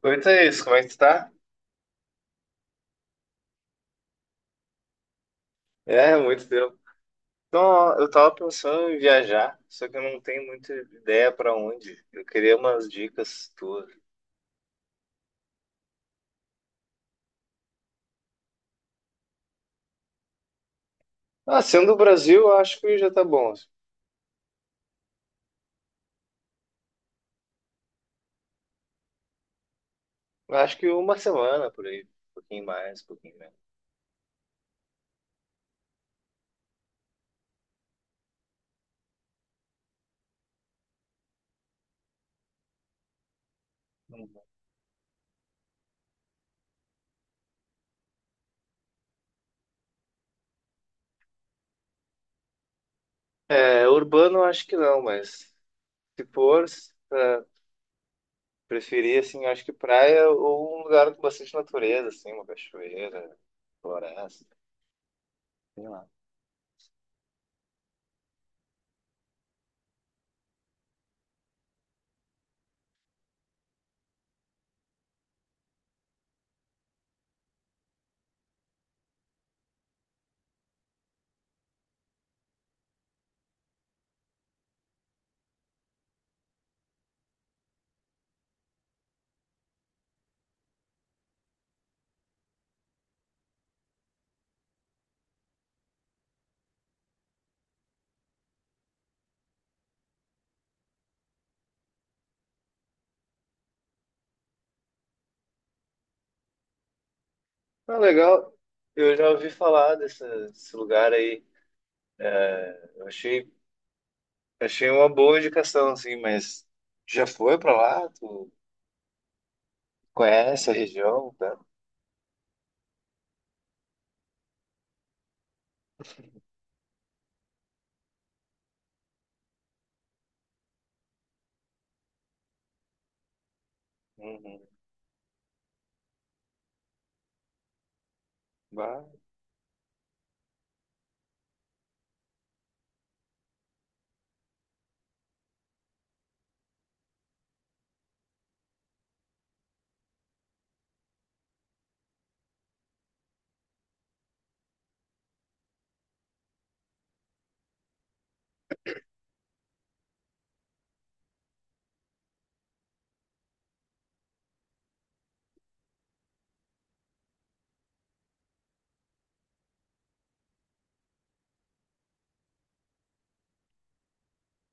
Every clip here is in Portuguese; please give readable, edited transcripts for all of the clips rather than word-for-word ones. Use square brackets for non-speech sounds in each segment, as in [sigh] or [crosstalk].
Quanto é isso, como é que tu tá? É, muito tempo. Então, ó, eu tava pensando em viajar, só que eu não tenho muita ideia pra onde. Eu queria umas dicas tuas. Ah, sendo do Brasil, eu acho que já tá bom assim. Eu Acho que uma semana por aí, um pouquinho mais, um pouquinho menos. Uhum. É, urbano eu acho que não, mas se for, preferir assim, eu acho que praia ou um lugar com bastante natureza, assim, uma cachoeira, floresta, sei lá. Ah, legal. Eu já ouvi falar desse lugar aí. Eu achei Achei uma boa indicação, assim, mas já foi pra lá? Tu conhece a região, tá? Uhum. Bah.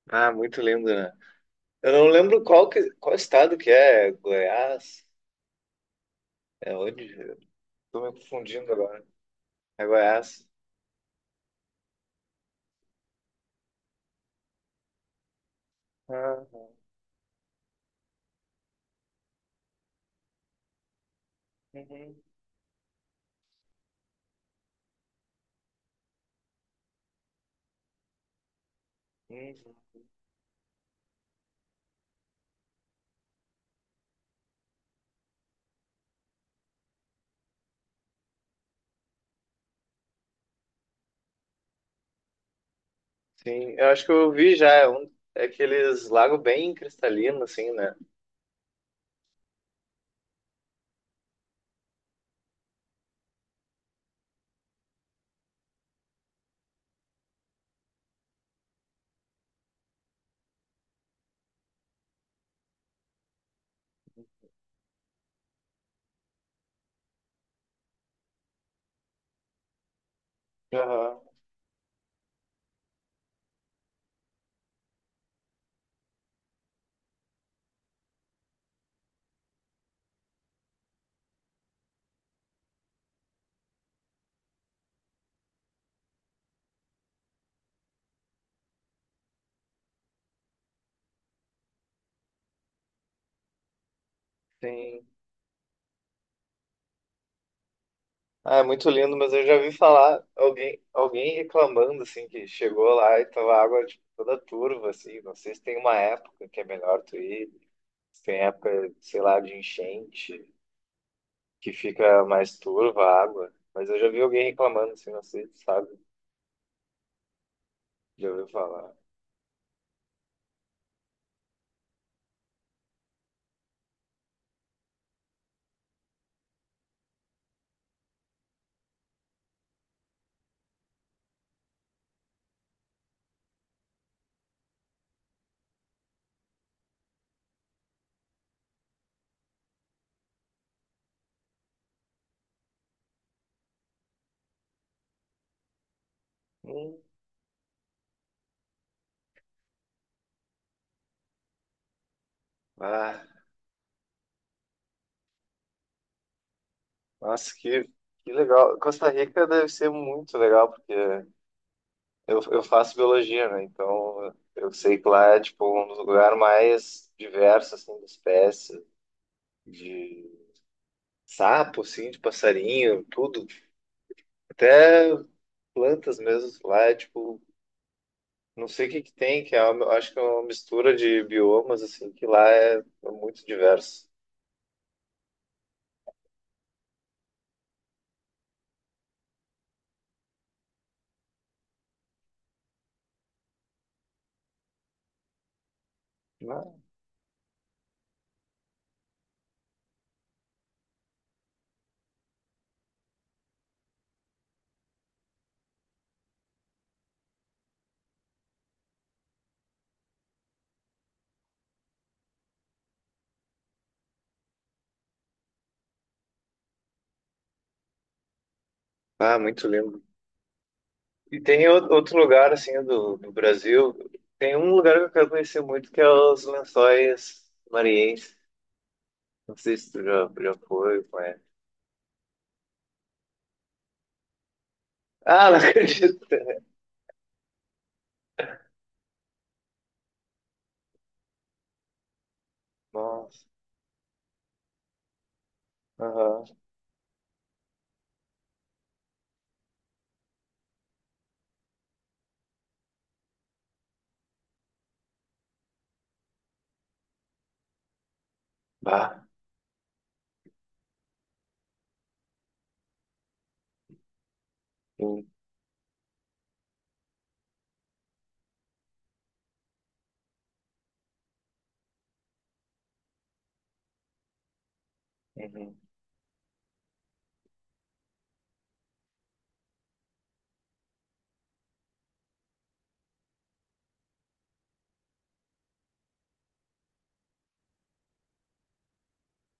Ah, muito lindo, né? Eu não lembro qual estado que é, Goiás? É onde? Eu Tô me confundindo agora. É Goiás. Ah, uhum, uhum. Sim, eu acho que eu vi já, é, um, é aqueles lagos bem cristalinos, assim, né? Aham, sim. Ah, é muito lindo, mas eu já vi falar alguém, alguém reclamando assim que chegou lá e tava a água tipo, toda turva assim. Não sei se tem uma época que é melhor tu ir, se tem época, sei lá, de enchente que fica mais turva a água. Mas eu já vi alguém reclamando assim, não sei, sabe? Já ouviu falar? Hum. Ah, nossa, que legal. Costa Rica deve ser muito legal porque eu faço biologia, né? Então eu sei que lá é tipo um dos lugares mais diversos assim de espécies de sapo, assim, de passarinho, tudo, até plantas mesmo. Lá é tipo, não sei o que que tem, que é uma, acho que é uma mistura de biomas, assim, que lá é muito diverso. Ah, ah, muito lindo. E tem o- outro lugar, assim, do Brasil, tem um lugar que eu quero conhecer muito, que é os Lençóis Maranhenses. Não sei se tu já foi, conhece. Ah, [laughs] não acredito! Nossa, aham. Bah, sim. Uhum.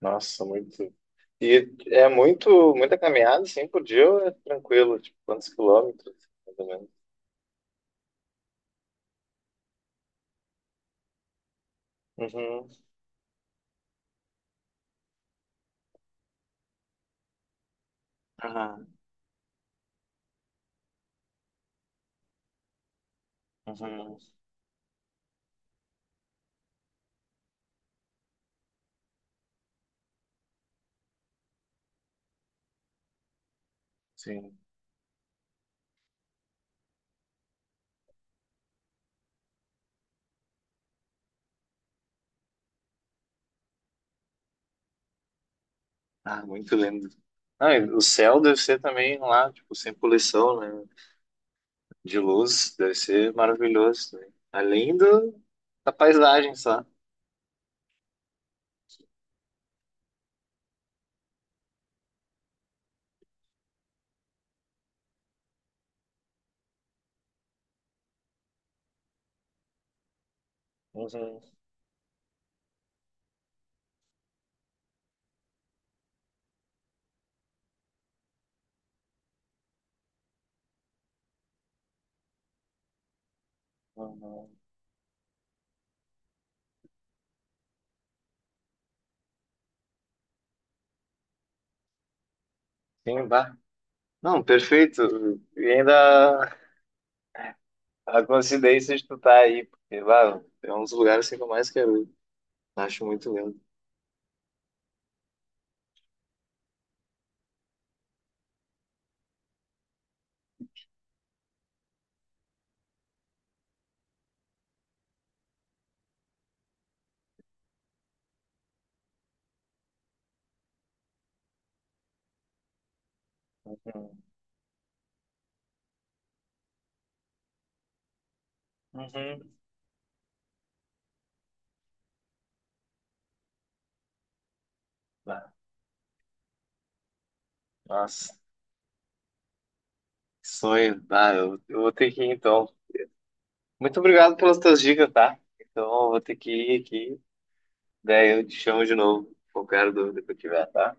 Nossa, muito. E é muito, muita caminhada, assim, por dia ou é tranquilo? Tipo, quantos quilômetros, mais ou menos? Uhum, aham, uhum, sim. Ah, muito lindo. Ah, e o céu deve ser também lá, tipo, sem poluição, né? De luz, deve ser maravilhoso também. Além do, da paisagem só. Uhum, uhum. Sim, bah. Não, perfeito. E ainda a coincidência de tu estar aí, porque, bah, é um dos lugares assim, que eu mais quero ir. Acho muito lindo. Uhum. Ah, nossa, que sonho. Ah, eu vou ter que ir então. Muito obrigado pelas tuas dicas, tá? Então, eu vou ter que ir aqui. Daí eu te chamo de novo, qualquer dúvida que eu tiver, tá?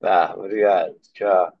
Tá, obrigado. Tchau.